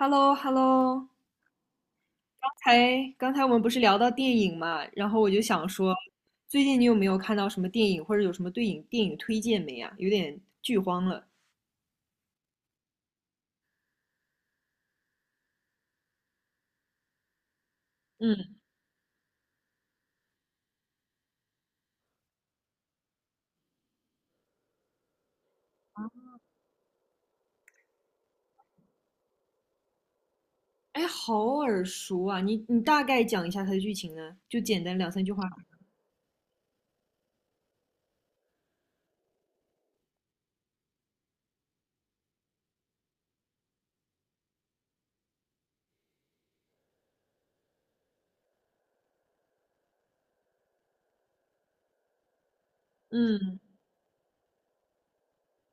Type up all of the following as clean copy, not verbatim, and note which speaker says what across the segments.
Speaker 1: Hello hello。 刚才我们不是聊到电影嘛，然后我就想说，最近你有没有看到什么电影，或者有什么对影电影推荐没啊？有点剧荒了。嗯。哎，好耳熟啊！你大概讲一下它的剧情呢？就简单两三句话。嗯，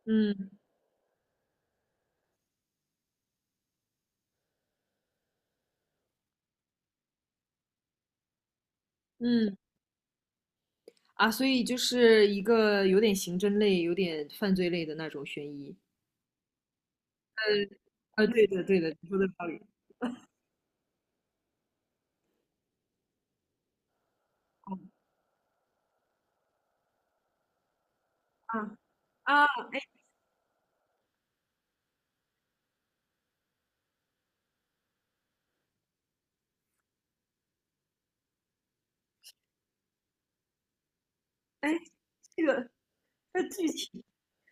Speaker 1: 嗯，嗯。啊，所以就是一个有点刑侦类、有点犯罪类的那种悬疑。对的对的，你说的有道理。哦，啊，啊，哎，哎，这个，这剧情。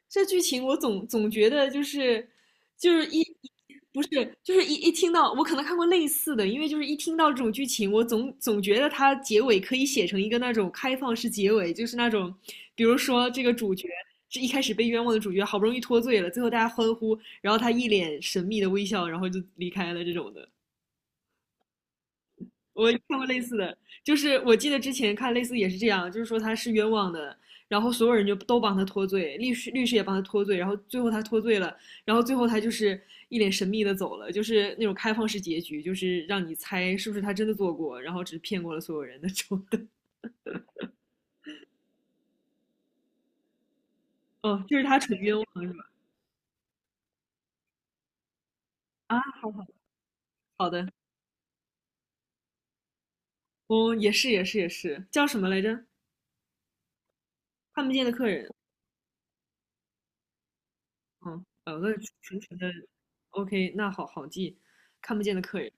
Speaker 1: 这剧情我总觉得一不是就是一听到我可能看过类似的，因为就是一听到这种剧情，我总觉得它结尾可以写成一个那种开放式结尾，就是那种比如说这个主角。这一开始被冤枉的主角好不容易脱罪了，最后大家欢呼，然后他一脸神秘的微笑，然后就离开了这种的。我看过类似的，就是我记得之前看类似也是这样，就是说他是冤枉的，然后所有人就都帮他脱罪，律师也帮他脱罪，然后最后他脱罪了，然后最后他就是一脸神秘的走了，就是那种开放式结局，就是让你猜是不是他真的做过，然后只是骗过了所有人那种的。哦，就是他纯冤枉是吧？啊，好，好，好的。哦，也是也是也是，叫什么来着？看不见的客人。嗯。那纯纯的，OK，那好好记，看不见的客人。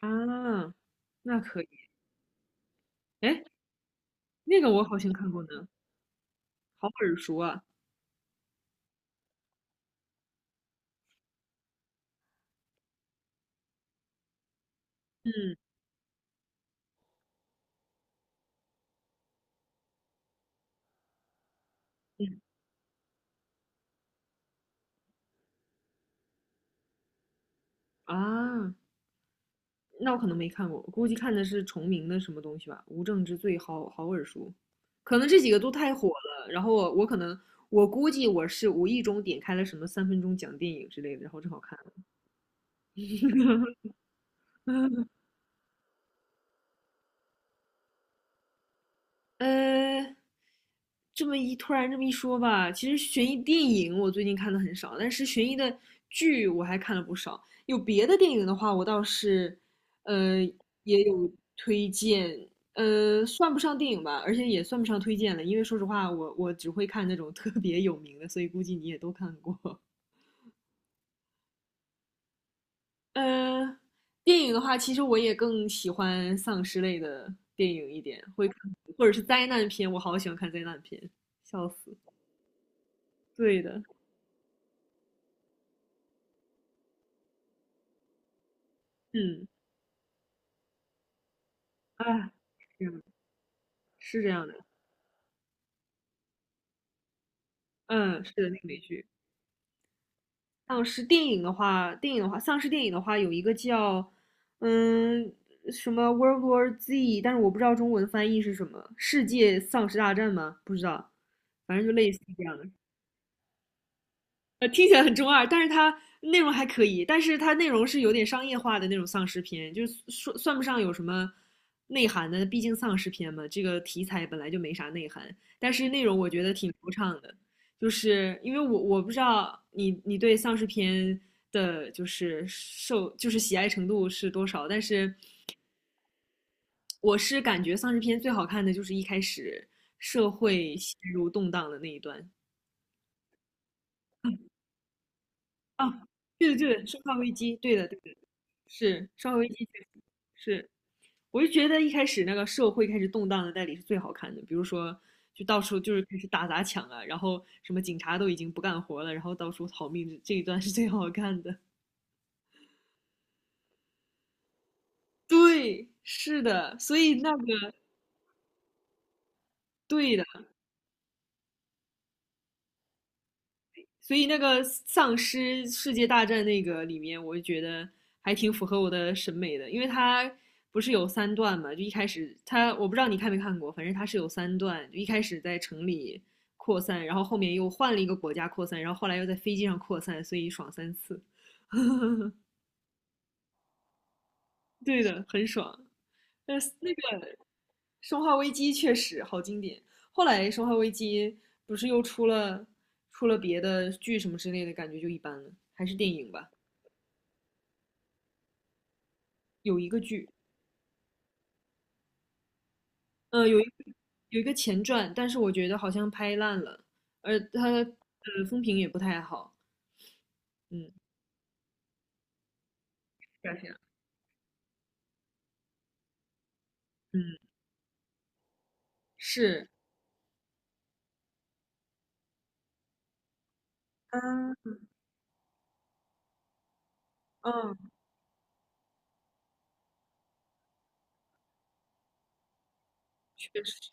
Speaker 1: 啊，那可以。哎，那个我好像看过呢，好耳熟啊。嗯，嗯。啊，那我可能没看过，我估计看的是重名的什么东西吧，《无证之罪》好好耳熟。可能这几个都太火了，然后我可能我估计我是无意中点开了什么3分钟讲电影之类的，然后正好看了。呃，这么一突然这么一说吧，其实悬疑电影我最近看的很少，但是悬疑的剧我还看了不少。有别的电影的话，我倒是，呃，也有推荐。算不上电影吧，而且也算不上推荐了，因为说实话，我只会看那种特别有名的，所以估计你也都看过。呃，电影的话，其实我也更喜欢丧尸类的电影一点，会看，或者是灾难片，我好喜欢看灾难片，笑死。对的。嗯。啊，这样的，是这样的。嗯，是的，那个美剧。丧尸电影的话，有一个叫嗯什么 World War Z，但是我不知道中文翻译是什么，世界丧尸大战吗？不知道，反正就类似于这样的。听起来很中二，但是它内容还可以，但是它内容是有点商业化的那种丧尸片，就是说算不上有什么内涵的，毕竟丧尸片嘛，这个题材本来就没啥内涵，但是内容我觉得挺流畅的，就是因为我不知道你对丧尸片的就是受就是喜爱程度是多少，但是我是感觉丧尸片最好看的就是一开始社会陷入动荡的那一段。啊，对的对的，生化危机，对的对的。是，稍微一些，是。我就觉得一开始那个社会开始动荡的代理是最好看的，比如说就到处就是开始打砸抢啊，然后什么警察都已经不干活了，然后到处逃命，这一段是最好看的。对，是的，所以那个对的。所以那个丧尸世界大战那个里面，我就觉得还挺符合我的审美的，因为它不是有三段嘛，就一开始它我不知道你看没看过，反正它是有三段，就一开始在城里扩散，然后后面又换了一个国家扩散，然后后来又在飞机上扩散，所以爽3次。对的，很爽。但是那个《生化危机》确实好经典。后来《生化危机》不是又出了别的剧什么之类的，感觉就一般了，还是电影吧。有一个剧呃，有一个有一个前传，但是我觉得好像拍烂了，而它风评也不太好。嗯，表现。嗯。是。嗯，嗯。确实。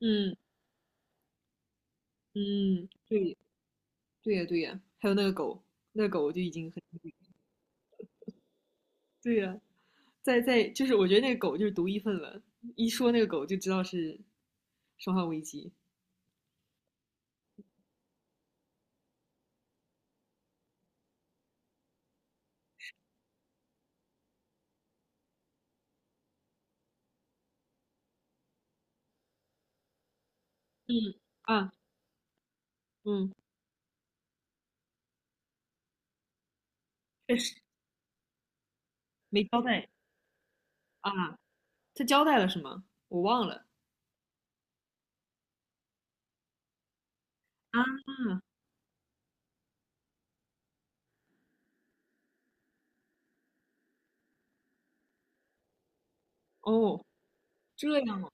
Speaker 1: 嗯，嗯。对，对呀对呀，还有那个狗，那个狗就已经很。对呀，在就是我觉得那个狗就是独一份了，一说那个狗就知道是《生化危机》。嗯。啊。嗯。确实没交代啊，他交代了是吗？我忘了。啊。哦，这样啊。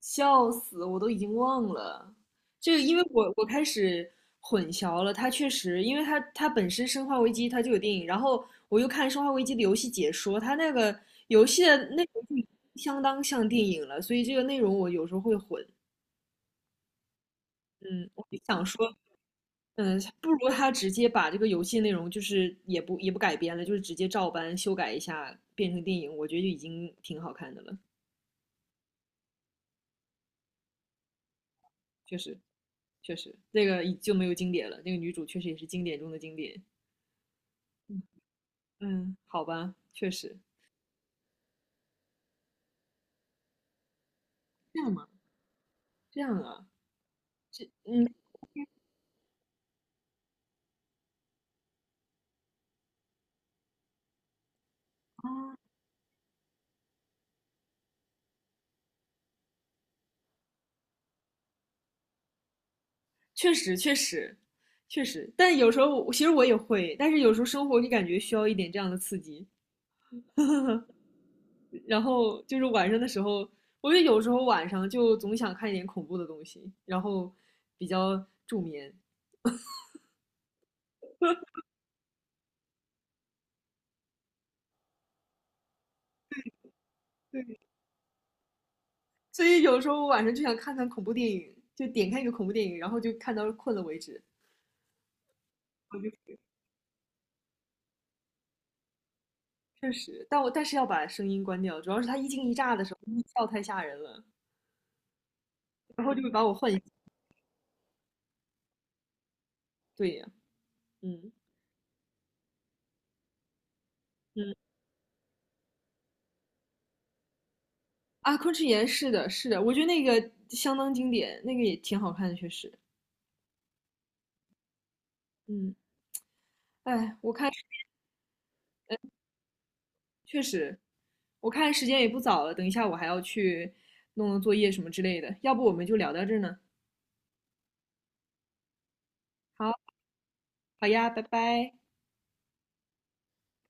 Speaker 1: 笑死，我都已经忘了。这个，因为我开始混淆了，它确实，因为它本身《生化危机》它就有电影，然后我又看《生化危机》的游戏解说，它那个游戏的内容就已经相当像电影了，所以这个内容我有时候会混。嗯，我就想说，嗯，不如他直接把这个游戏内容就是也不改编了，就是直接照搬修改一下变成电影，我觉得就已经挺好看的了。确实，确实，那个已就没有经典了，那个女主确实也是经典中的经典。嗯，好吧，确实。这样吗？这样啊。嗯，确实确实确实，但有时候我其实也会，但是有时候生活就感觉需要一点这样的刺激，然后就是晚上的时候，我觉得有时候晚上就总想看一点恐怖的东西，然后比较助眠，所以有时候晚上就想看看恐怖电影，就点开一个恐怖电影，然后就看到困了为止。我就确实，但但是要把声音关掉，主要是它一惊一乍的时候音效太吓人了，然后就会把我唤醒。对呀。嗯，嗯。啊，昆池岩是的，是的，我觉得那个相当经典，那个也挺好看的，确实。嗯。哎，确实，我看时间也不早了，等一下我还要去弄弄作业什么之类的，要不我们就聊到这儿呢。好。好呀，拜拜。